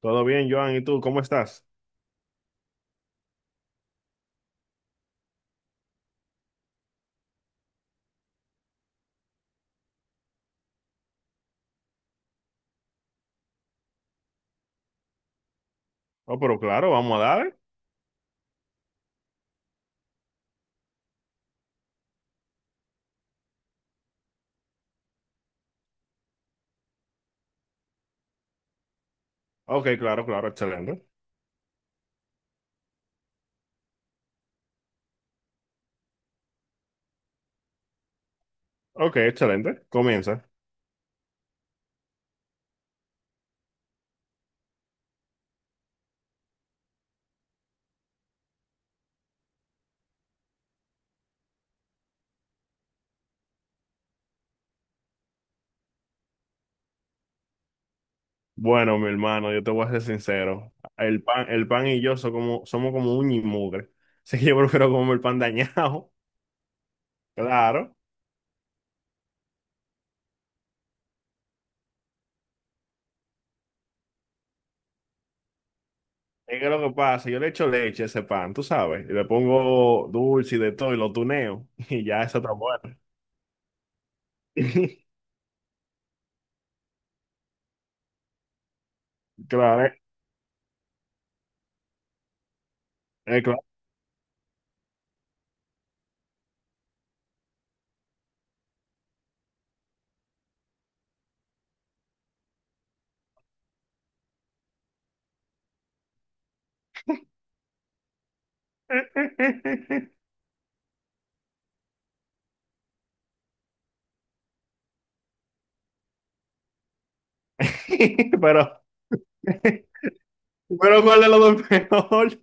Todo bien, Joan, ¿y tú cómo estás? Oh, pero claro, vamos a dar. Ok, claro, claro, excelente. Ok, excelente. Comienza. Bueno, mi hermano, yo te voy a ser sincero. El pan y yo somos como uña y mugre. Así que yo prefiero comer el pan dañado. Claro. Es que lo que pasa, yo le echo leche a ese pan, tú sabes. Y le pongo dulce y de todo y lo tuneo. Y ya eso está bueno. Claro, claro. Pero, pero ¿cuál de los dos es peor?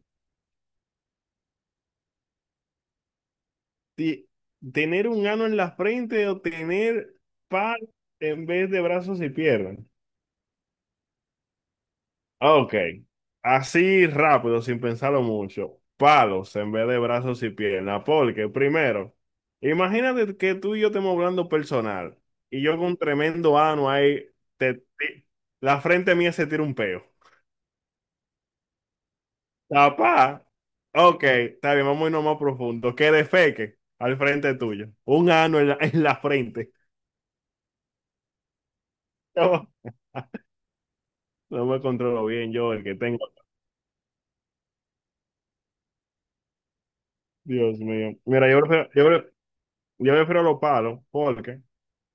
ti- tener un ano en la frente o tener par en vez de brazos y piernas. Ah, ok, así rápido, sin pensarlo mucho. Palos en vez de brazos y piernas. Porque primero, imagínate que tú y yo estemos hablando personal y yo con un tremendo ano ahí, te- te- la frente mía se tira un peo. Papá, ok, está bien, vamos a irnos más profundo. Que defeque al frente tuyo. Un ano en la frente. No me controlo bien yo, el que tengo. Dios mío. Mira, yo prefiero los palos porque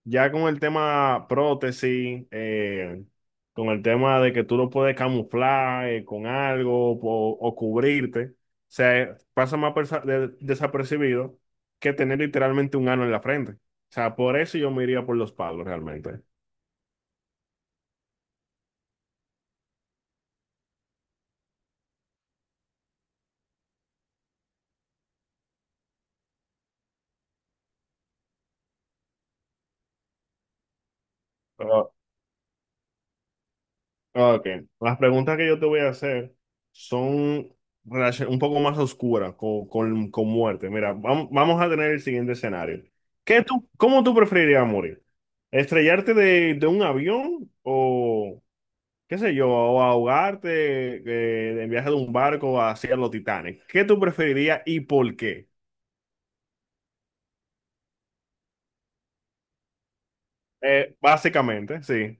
ya con el tema prótesis, con el tema de que tú lo puedes camuflar con algo o cubrirte, o sea, pasa más desapercibido que tener literalmente un ano en la frente. O sea, por eso yo me iría por los palos realmente. Ok, las preguntas que yo te voy a hacer son un poco más oscuras con muerte. Mira, vamos a tener el siguiente escenario. ¿Cómo tú preferirías morir? ¿Estrellarte de un avión o, qué sé yo, o ahogarte en viaje de un barco hacia los Titanes? ¿Qué tú preferirías y por qué? Básicamente, sí.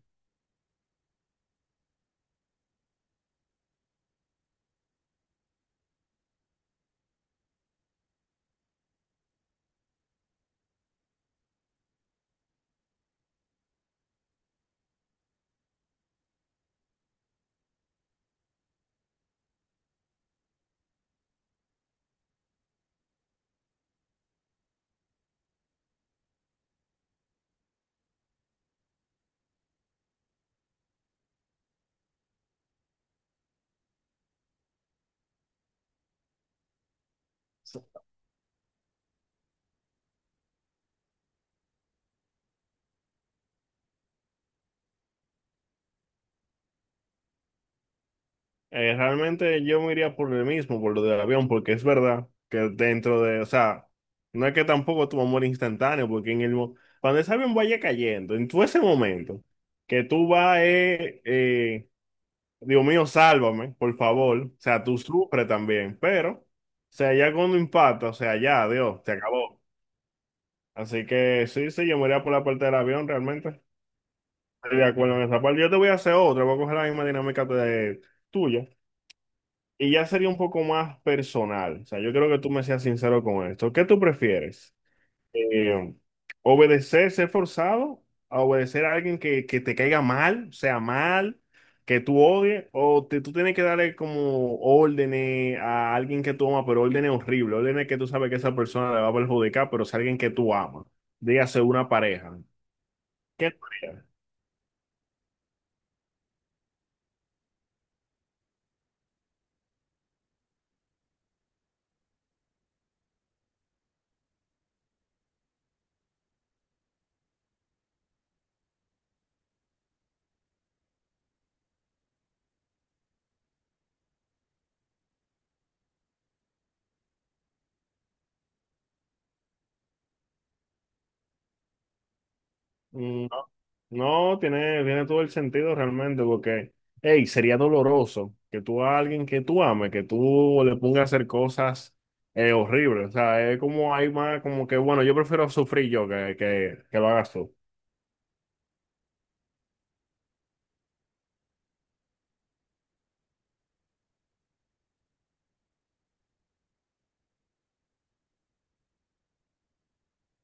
Realmente yo me iría por el mismo, por lo del avión, porque es verdad que dentro de, o sea, no es que tampoco tu amor instantáneo, porque cuando ese avión vaya cayendo, en todo ese momento, que tú vas, Dios mío, sálvame, por favor, o sea, tú sufres también, pero, o sea, ya cuando impacta, o sea, ya, Dios, se acabó. Así que sí, sí, yo me iría por la parte del avión, realmente. Estoy de acuerdo en esa parte. Yo te voy a hacer otra, voy a coger la misma dinámica de, tuya. Y ya sería un poco más personal. O sea, yo creo que tú me seas sincero con esto. ¿Qué tú prefieres? Eh, ¿Obedecer, ser forzado? ¿A obedecer a alguien que te caiga mal, sea mal, que tú odies? ¿O tú tienes que darle como órdenes a alguien que tú amas, pero órdenes horribles, órdenes que tú sabes que esa persona le va a perjudicar, pero es alguien que tú amas? Dígase una pareja. ¿Qué tú harías? Mm, No, tiene todo el sentido realmente, porque, hey, sería doloroso que tú a alguien que tú ames, que tú le pongas a hacer cosas horribles. O sea, es como hay más, como que, bueno, yo prefiero sufrir yo que lo hagas tú.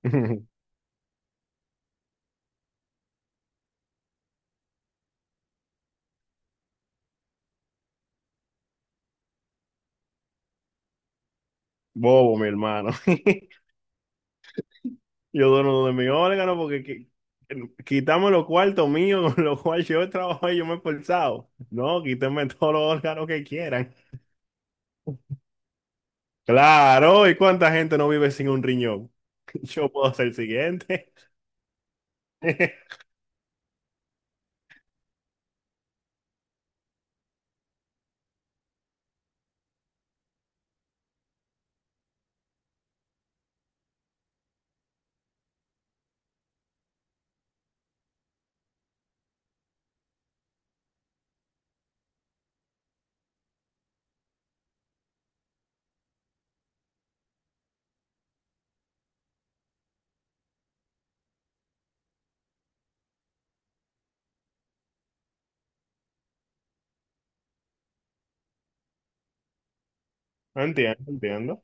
Bobo, mi hermano. Yo dono de mi órgano porque quitame los cuartos míos con los cuales yo he trabajado y yo me he esforzado. No, quítame todos los órganos que quieran. Claro, ¿y cuánta gente no vive sin un riñón? Yo puedo ser el siguiente. Entiendo, no entiendo.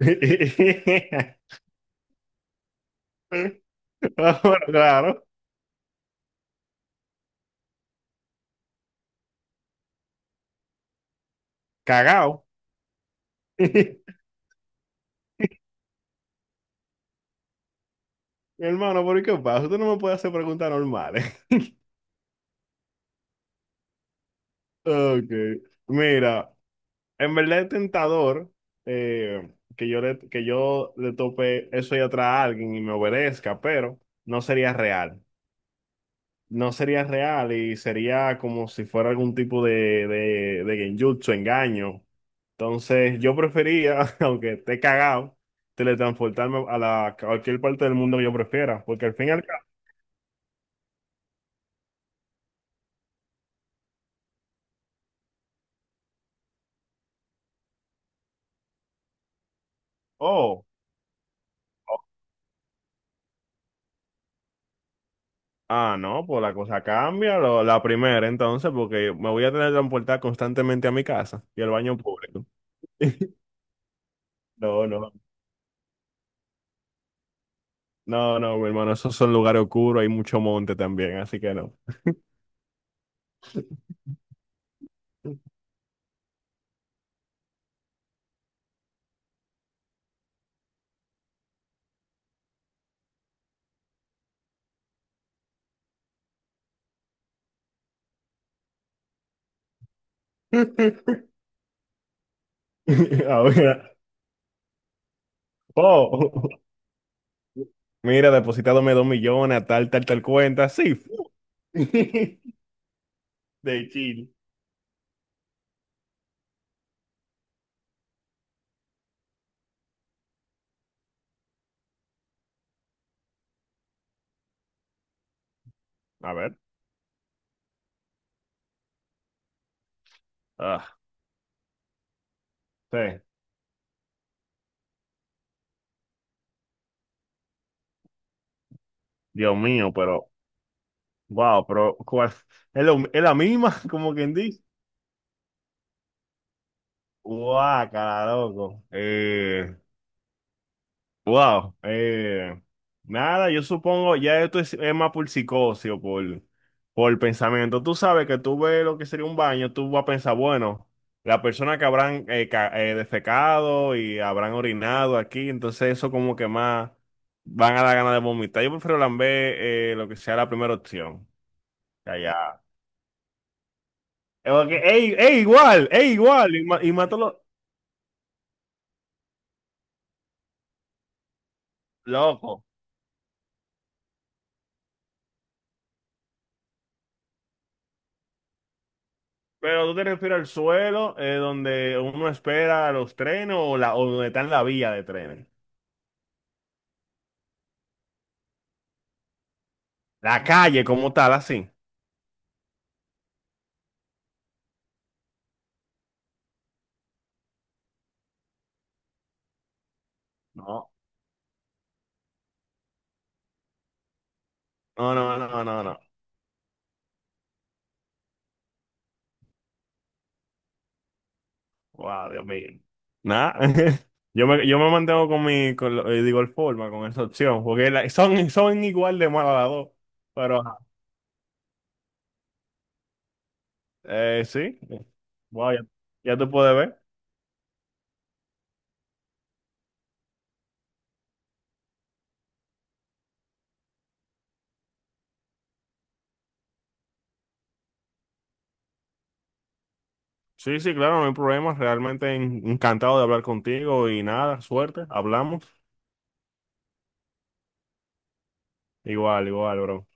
Ah, bueno, claro, cagao. Mi hermano, ¿por qué pasa? Tú no me puedes hacer preguntas normales. Ok. Mira, en verdad es tentador eh, que yo le tope eso y atrás a alguien y me obedezca, pero no sería real. No sería real y sería como si fuera algún tipo de genjutsu, engaño. Entonces, yo prefería, aunque esté cagado, teletransportarme a cualquier parte del mundo que yo prefiera, porque al fin y al cabo, oh, oh, ah, no, pues la cosa cambia, la primera, entonces, porque me voy a teletransportar constantemente a mi casa y al baño público. No, no, no, no, mi hermano, esos son lugares oscuros, hay mucho monte también, así que no. Ahora, oh, mira, depositándome dos millones a tal, tal, tal cuenta. Sí, fu. De Chile. A ver, ah, sí, Dios mío, pero, wow, ¿cuál? Es, es la misma, como quien dice. Guácala, loco. Wow. Nada, yo supongo, ya esto es más por psicosis o por pensamiento. Tú sabes que tú ves lo que sería un baño, tú vas a pensar, bueno, la persona que habrán defecado y habrán orinado aquí, entonces eso como que más van a dar ganas de vomitar. Yo prefiero lamber lo que sea la primera opción. Allá. Es igual, y y mato los. Loco. Pero tú te refieres al suelo donde uno espera los trenes o donde está en la vía de trenes. La calle como tal, así. No, no, no, no, no, no. Wow, Dios mío. Nada. Yo me mantengo con mi, con lo- digo, el forma, con esa opción, porque la- son igual de malas las dos. Pero, ajá. Sí. Wow, ya te puedes ver. Sí, sí, claro, no hay problema. Realmente encantado de hablar contigo y nada, suerte. Hablamos. Igual, igual, bro.